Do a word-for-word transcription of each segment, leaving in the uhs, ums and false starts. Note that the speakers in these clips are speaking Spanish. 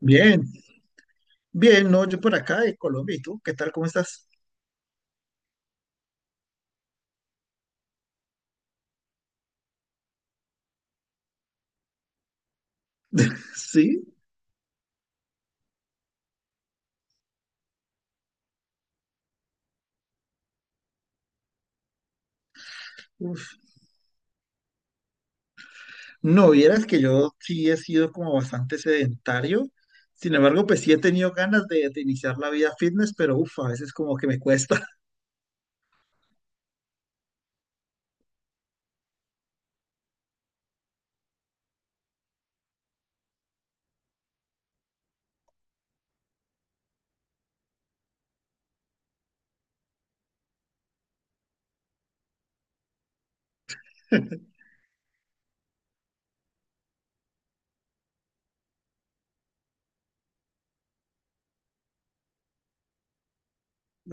Bien, bien, no, yo por acá de Colombia, ¿y tú? ¿Qué tal? ¿Cómo estás? Sí, uf. No, vieras que yo sí he sido como bastante sedentario, sin embargo, pues sí he tenido ganas de, de iniciar la vida fitness, pero uff, a veces como que me cuesta.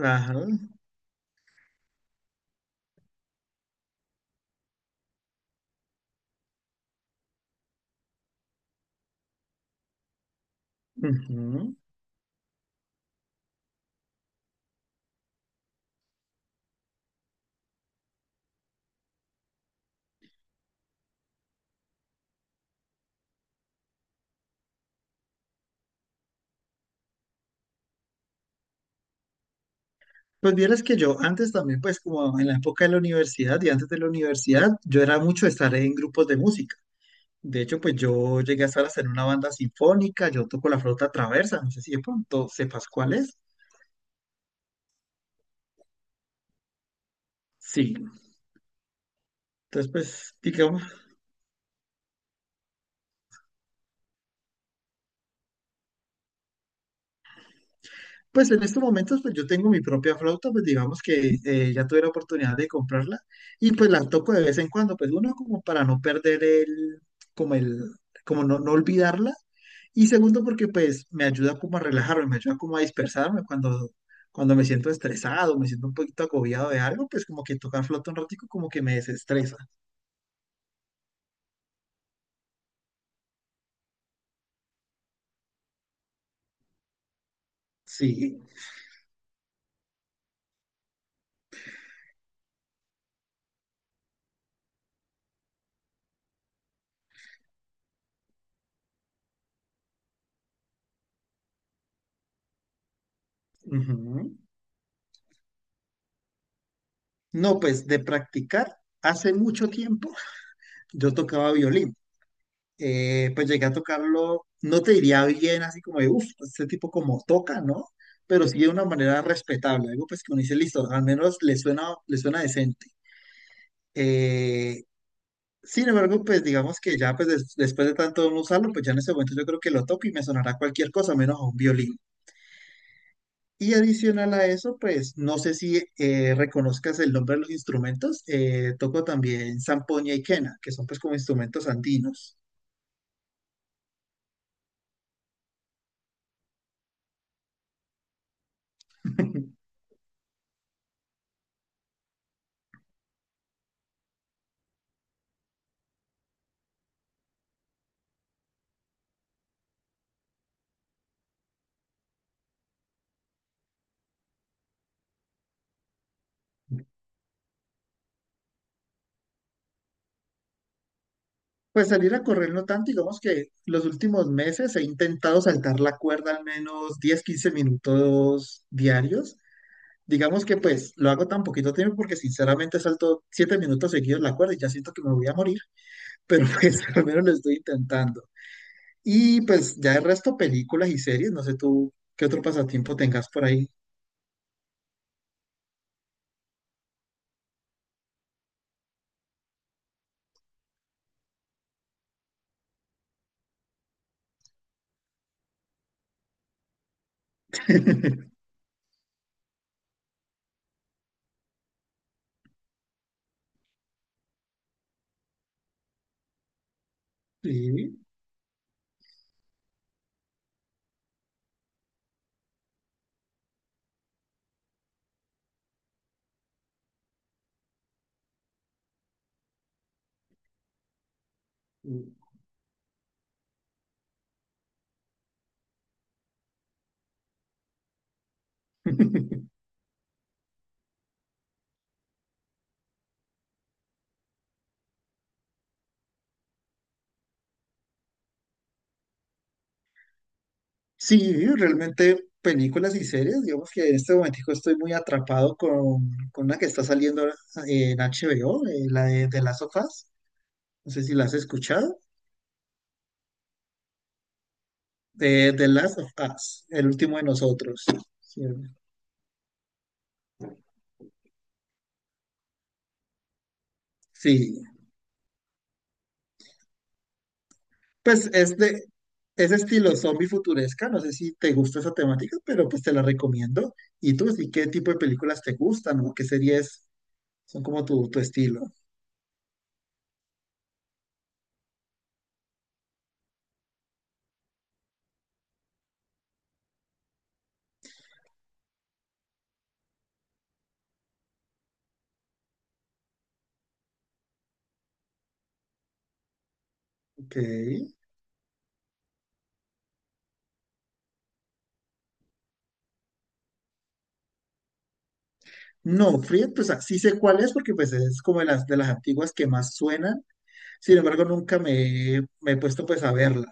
Ajá. Ujú. Pues vieras que yo antes también, pues como en la época de la universidad y antes de la universidad, yo era mucho de estar en grupos de música. De hecho, pues yo llegué a estar hasta en una banda sinfónica, yo toco la flauta traversa, no sé si de pronto sepas cuál es. Sí, entonces pues digamos. Pues en estos momentos, pues yo tengo mi propia flauta, pues digamos que eh, ya tuve la oportunidad de comprarla y pues la toco de vez en cuando, pues uno como para no perder el, como el, como no, no olvidarla y segundo porque pues me ayuda como a relajarme, me ayuda como a dispersarme cuando, cuando me siento estresado, me siento un poquito agobiado de algo, pues como que tocar flauta un ratico como que me desestresa. Sí. Ujú. No, pues de practicar hace mucho tiempo yo tocaba violín. Eh, pues llegué a tocarlo, no te diría bien, así como de, uff, este tipo como toca, ¿no? Pero sí de una manera respetable, algo pues que uno dice, listo, al menos le suena, le suena decente. Eh, Sin embargo, pues digamos que ya pues des- después de tanto no usarlo, pues ya en ese momento yo creo que lo toco y me sonará cualquier cosa menos a un violín. Y adicional a eso, pues no sé si eh, reconozcas el nombre de los instrumentos, eh, toco también zampoña y quena, que son pues como instrumentos andinos. Pues salir a correr no tanto, digamos que los últimos meses he intentado saltar la cuerda al menos diez quince minutos diarios. Digamos que pues lo hago tan poquito tiempo porque sinceramente salto siete minutos seguidos la cuerda y ya siento que me voy a morir, pero pues al menos lo estoy intentando. Y pues ya el resto películas y series, no sé tú qué otro pasatiempo tengas por ahí. Sí. Sí, realmente películas y series, digamos que en este momentico estoy muy atrapado con, con una que está saliendo ahora en H B O, eh, la de The Last of Us, no sé si la has escuchado, de The Last of Us, El último de nosotros. Sí, sí, pues es de ese estilo zombie futuresca, no sé si te gusta esa temática, pero pues te la recomiendo. ¿Y tú, sí, qué tipo de películas te gustan o qué series son como tu, tu estilo? Ok. No, Free, pues ah, sí sé cuál es porque pues es como de las, de las antiguas que más suenan. Sin embargo, nunca me, he- me he puesto pues a verla.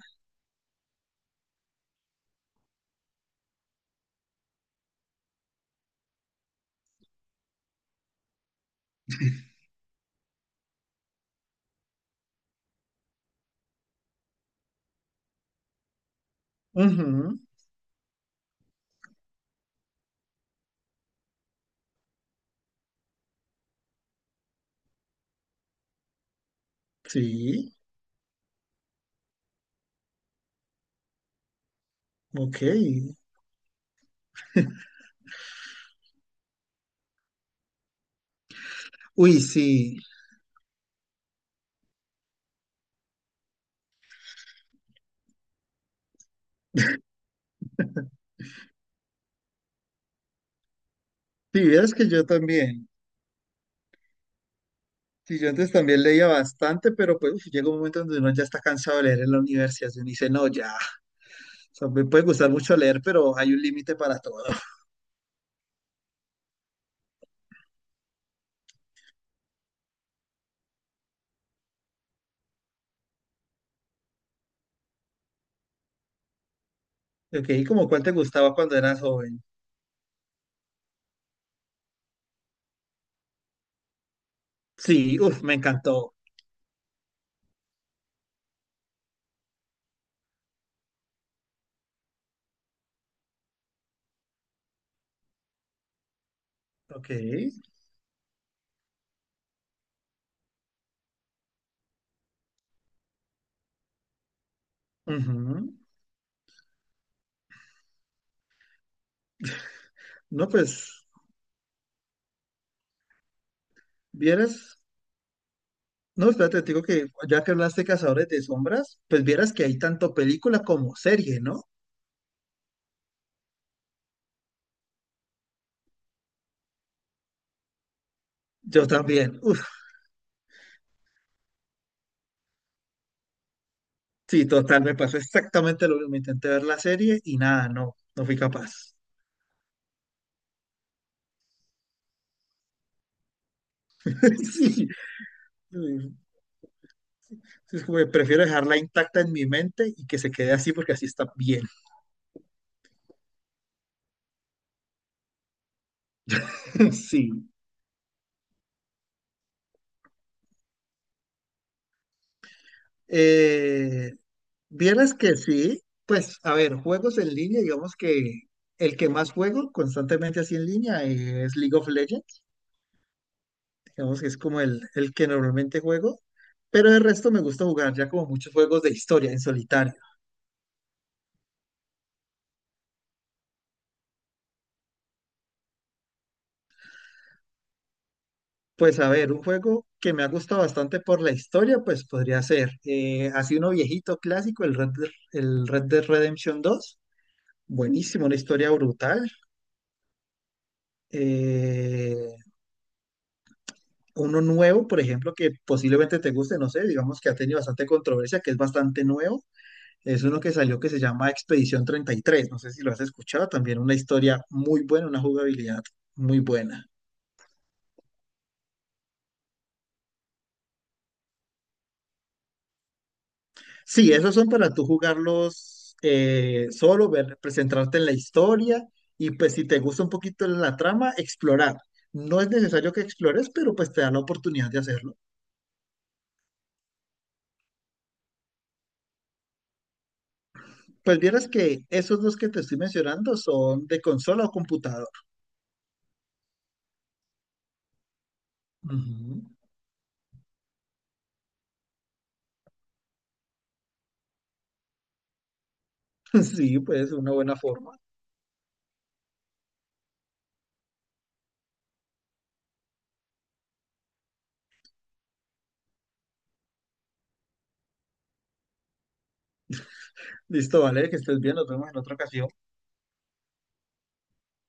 Ujú, sí, ok. Uy, sí. Si vieras que yo también. Sí, yo antes también leía bastante, pero pues uf, llega un momento donde uno ya está cansado de leer en la universidad. Y uno dice, no, ya. O sea, me puede gustar mucho leer, pero hay un límite para todo. Ok, ¿como cuál te gustaba cuando eras joven? Sí, uf, me encantó. Ok. Ujú. No, pues, vieras. No, espérate, te digo que ya que hablaste de Cazadores de Sombras, pues vieras que hay tanto película como serie, ¿no? Yo también. Uf, sí, total, me pasó exactamente lo mismo. Intenté ver la serie y nada, no, no fui capaz. Sí, sí, es como que prefiero dejarla intacta en mi mente y que se quede así porque así está bien. Sí. Eh, Vieras que sí, pues a ver, juegos en línea, digamos que el que más juego constantemente así en línea es League of Legends. Digamos que es como el, el que normalmente juego, pero de resto me gusta jugar ya como muchos juegos de historia en solitario. Pues a ver, un juego que me ha gustado bastante por la historia, pues podría ser eh, así uno viejito clásico, el Red, Dead- el Red Dead Redemption dos. Buenísimo, una historia brutal. Eh, Uno nuevo, por ejemplo, que posiblemente te guste, no sé, digamos que ha tenido bastante controversia, que es bastante nuevo. Es uno que salió que se llama Expedición treinta y tres. No sé si lo has escuchado. También una historia muy buena, una jugabilidad muy buena. Sí, esos son para tú jugarlos eh, solo, ver, presentarte en la historia y pues si te gusta un poquito la trama, explorar. No es necesario que explores, pero pues te da la oportunidad de hacerlo. Pues vieras que esos dos que te estoy mencionando son de consola o computador. Ujú. Sí, pues una buena forma. Listo, vale, que estés bien. Nos vemos en otra ocasión.